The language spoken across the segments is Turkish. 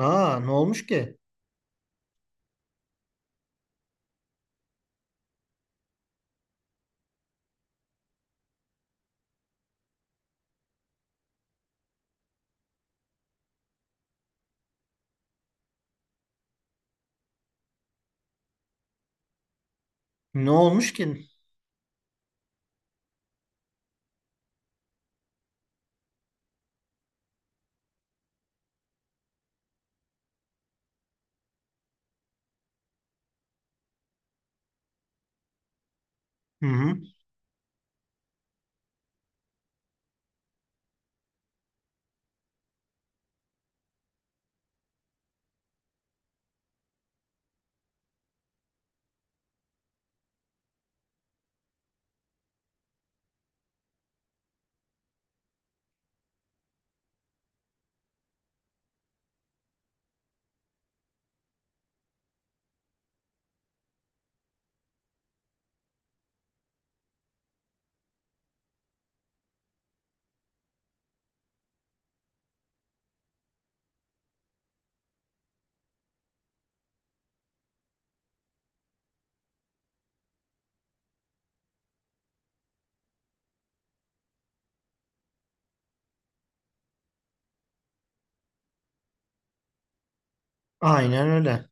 Aa, ne olmuş ki? Ne olmuş ki? Hı hı. Aynen öyle.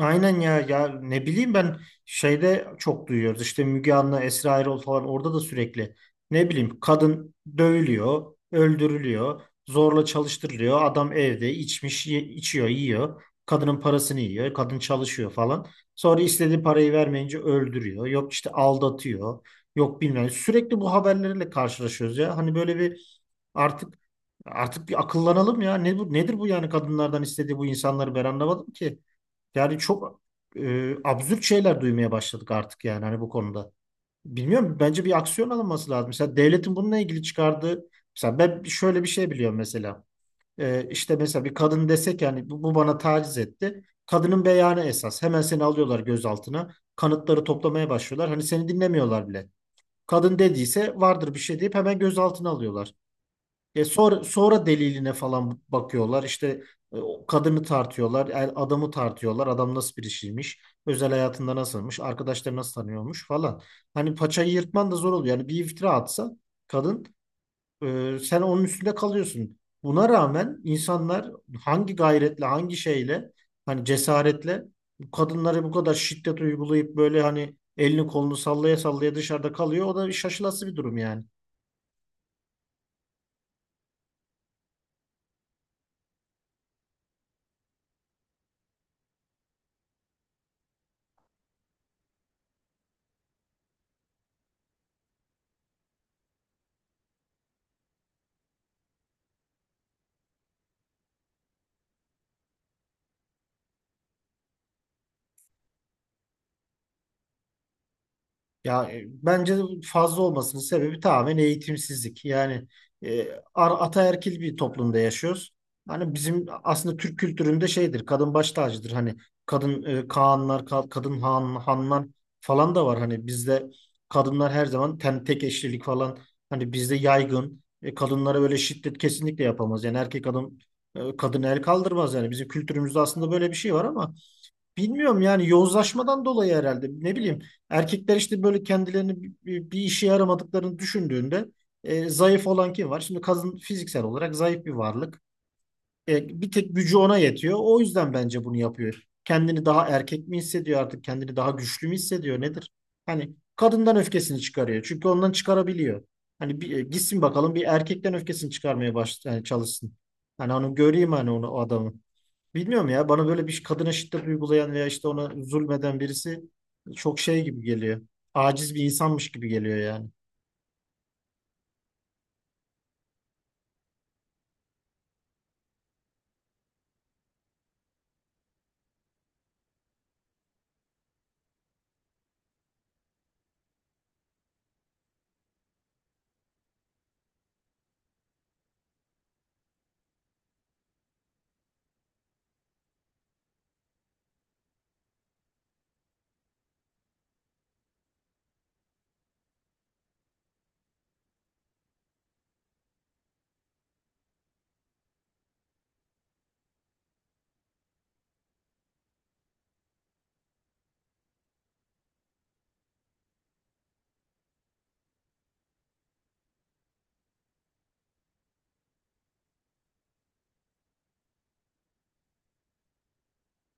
Aynen ya ya ne bileyim ben çok duyuyoruz işte Müge Anlı, Esra Erol falan, orada da sürekli ne bileyim kadın dövülüyor, öldürülüyor, zorla çalıştırılıyor. Adam evde içiyor, yiyor. Kadının parasını yiyor, kadın çalışıyor falan. Sonra istediği parayı vermeyince öldürüyor. Yok işte aldatıyor. Yok bilmem. Sürekli bu haberlerle karşılaşıyoruz ya. Hani böyle bir artık artık bir akıllanalım ya. Ne bu, nedir bu yani kadınlardan istediği? Bu insanları ben anlamadım ki. Yani çok absürt şeyler duymaya başladık artık yani hani bu konuda. Bilmiyorum, bence bir aksiyon alınması lazım. Mesela devletin bununla ilgili çıkardığı, mesela ben şöyle bir şey biliyorum mesela. İşte mesela bir kadın desek yani bu bana taciz etti. Kadının beyanı esas. Hemen seni alıyorlar gözaltına. Kanıtları toplamaya başlıyorlar. Hani seni dinlemiyorlar bile. Kadın dediyse vardır bir şey deyip hemen gözaltına alıyorlar. E sonra, deliline falan bakıyorlar. İşte o kadını tartıyorlar, adamı tartıyorlar. Adam nasıl birisiymiş, özel hayatında nasılmış, arkadaşları nasıl tanıyormuş falan. Hani paçayı yırtman da zor oluyor. Yani bir iftira atsa kadın, sen onun üstünde kalıyorsun. Buna rağmen insanlar hangi gayretle, hangi şeyle, hani cesaretle bu kadınlara bu kadar şiddet uygulayıp böyle hani elini kolunu sallaya sallaya dışarıda kalıyor. O da şaşılası bir durum yani. Bence fazla olmasının sebebi tamamen eğitimsizlik. Yani e, ataerkil bir toplumda yaşıyoruz. Hani bizim aslında Türk kültüründe şeydir, kadın baş tacıdır. Hani kadın kağanlar, kadın han, hanlar falan da var. Hani bizde kadınlar her zaman tek eşlilik falan, hani bizde yaygın. E, kadınlara böyle şiddet kesinlikle yapamaz. Yani erkek adam, kadın el kaldırmaz yani. Bizim kültürümüzde aslında böyle bir şey var ama bilmiyorum yani yozlaşmadan dolayı herhalde, ne bileyim, erkekler işte böyle kendilerini bir işe yaramadıklarını düşündüğünde, zayıf olan kim var? Şimdi kadın fiziksel olarak zayıf bir varlık. E, bir tek gücü ona yetiyor. O yüzden bence bunu yapıyor. Kendini daha erkek mi hissediyor artık? Kendini daha güçlü mü hissediyor? Nedir? Hani kadından öfkesini çıkarıyor. Çünkü ondan çıkarabiliyor. Hani gitsin bakalım bir erkekten öfkesini çıkarmaya yani çalışsın. Hani onu göreyim, hani onu, o adamı. Bilmiyorum ya, bana böyle bir kadına şiddet uygulayan veya işte ona zulmeden birisi çok şey gibi geliyor. Aciz bir insanmış gibi geliyor yani.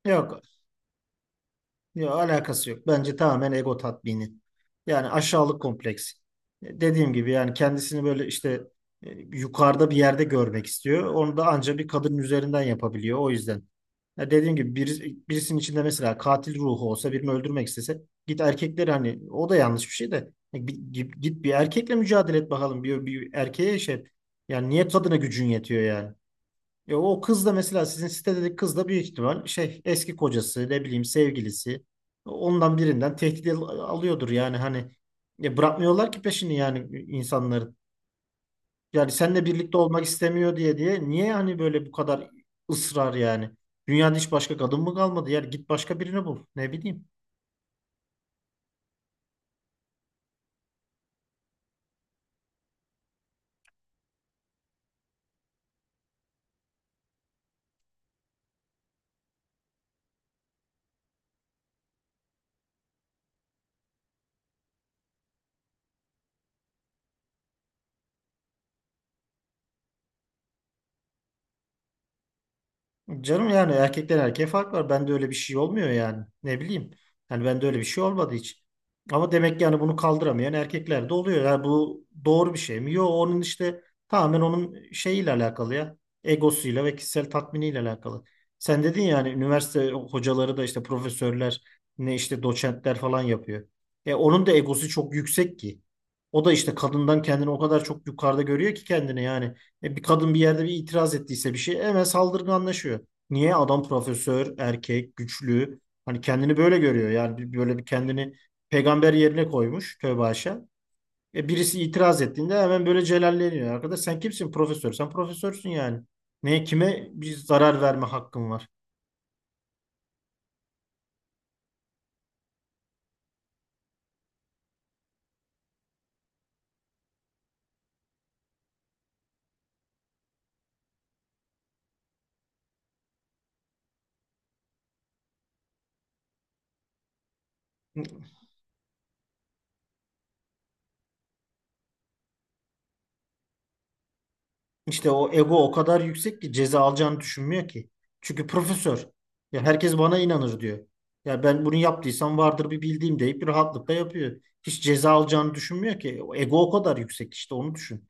Yok Yok, alakası yok. Bence tamamen ego tatmini. Yani aşağılık kompleksi. Dediğim gibi yani kendisini böyle işte yukarıda bir yerde görmek istiyor. Onu da ancak bir kadının üzerinden yapabiliyor. O yüzden. Ya dediğim gibi birisinin içinde mesela katil ruhu olsa, birini öldürmek istese git erkekleri, hani o da yanlış bir şey de, ya git bir erkekle mücadele et bakalım. Bir erkeğe şey, yani niye kadına gücün yetiyor yani? Ya o kız da mesela sizin sitedeki kız da büyük ihtimal şey, eski kocası, ne bileyim sevgilisi, ondan birinden tehdit alıyordur yani. Hani ya bırakmıyorlar ki peşini, yani insanların. Yani seninle birlikte olmak istemiyor diye diye niye hani böyle bu kadar ısrar yani? Dünyada hiç başka kadın mı kalmadı? Yani git başka birini bul. Ne bileyim. Canım yani erkekten erkeğe fark var. Bende öyle bir şey olmuyor yani. Ne bileyim. Yani bende öyle bir şey olmadı hiç. Ama demek ki yani bunu kaldıramayan erkekler de oluyor. Yani bu doğru bir şey mi? Yok, onun işte tamamen onun şeyiyle alakalı ya. Egosuyla ve kişisel tatminiyle alakalı. Sen dedin yani üniversite hocaları da işte profesörler, ne işte doçentler falan yapıyor. E onun da egosu çok yüksek ki. O da işte kadından kendini o kadar çok yukarıda görüyor ki, kendini yani. E, bir kadın bir yerde bir itiraz ettiyse bir şey, hemen saldırganlaşıyor. Niye? Adam profesör, erkek, güçlü. Hani kendini böyle görüyor. Yani böyle bir, kendini peygamber yerine koymuş, tövbe haşa. E birisi itiraz ettiğinde hemen böyle celalleniyor. Arkadaş sen kimsin? Profesör? Sen profesörsün yani. Ne, kime bir zarar verme hakkın var? İşte o ego o kadar yüksek ki ceza alacağını düşünmüyor ki. Çünkü profesör. Ya herkes bana inanır diyor. Ya ben bunu yaptıysam vardır bir bildiğim deyip bir rahatlıkla yapıyor. Hiç ceza alacağını düşünmüyor ki. O ego o kadar yüksek, işte onu düşün.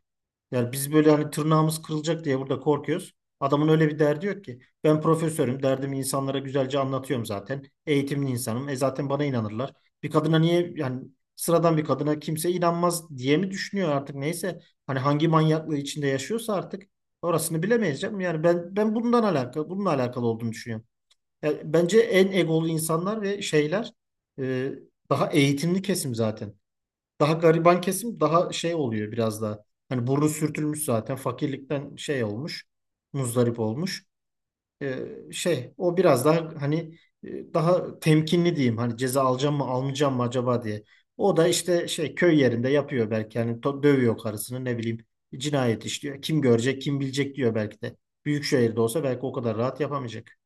Yani biz böyle hani tırnağımız kırılacak diye burada korkuyoruz. Adamın öyle bir derdi yok ki. Ben profesörüm, derdimi insanlara güzelce anlatıyorum zaten. Eğitimli insanım. E zaten bana inanırlar. Bir kadına niye yani, sıradan bir kadına kimse inanmaz diye mi düşünüyor artık, neyse. Hani hangi manyaklığı içinde yaşıyorsa artık, orasını bilemeyiz canım. Yani ben bundan alakalı bununla alakalı olduğunu düşünüyorum. Yani bence en egolu insanlar ve şeyler, e, daha eğitimli kesim zaten. Daha gariban kesim daha şey oluyor biraz daha. Hani burnu sürtülmüş zaten, fakirlikten şey olmuş, muzdarip olmuş. Ee, şey o biraz daha hani daha temkinli diyeyim. Hani ceza alacağım mı almayacağım mı acaba diye. O da işte şey köy yerinde yapıyor belki, hani dövüyor karısını, ne bileyim, cinayet işliyor. Kim görecek, kim bilecek diyor belki de. Büyük şehirde olsa belki o kadar rahat yapamayacak.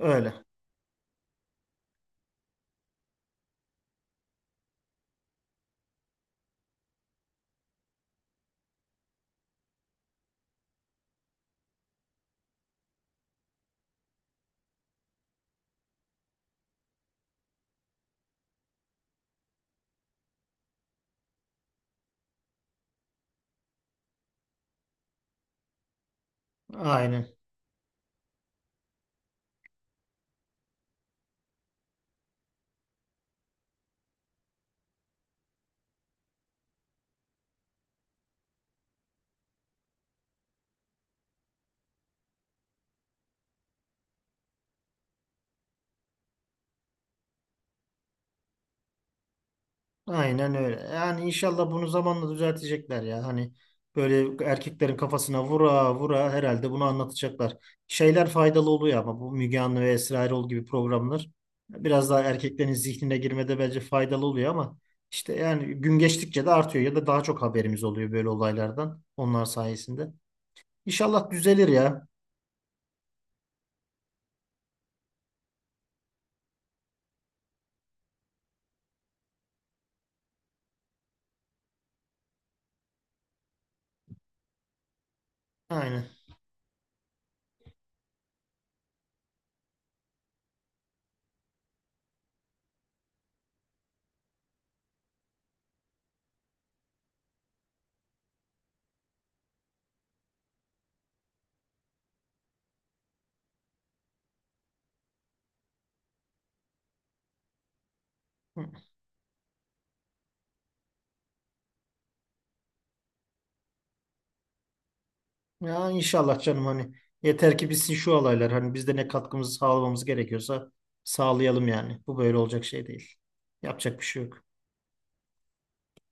Öyle. Aynen. Aynen öyle. Yani inşallah bunu zamanla düzeltecekler ya. Hani böyle erkeklerin kafasına vura vura herhalde bunu anlatacaklar. Şeyler faydalı oluyor ama, bu Müge Anlı ve Esra Erol gibi programlar biraz daha erkeklerin zihnine girmede bence faydalı oluyor ama işte yani gün geçtikçe de artıyor ya da daha çok haberimiz oluyor böyle olaylardan, onlar sayesinde. İnşallah düzelir ya. Aynen. Ya inşallah canım, hani yeter ki bitsin şu olaylar. Hani biz de ne katkımızı sağlamamız gerekiyorsa sağlayalım yani. Bu böyle olacak şey değil. Yapacak bir şey yok.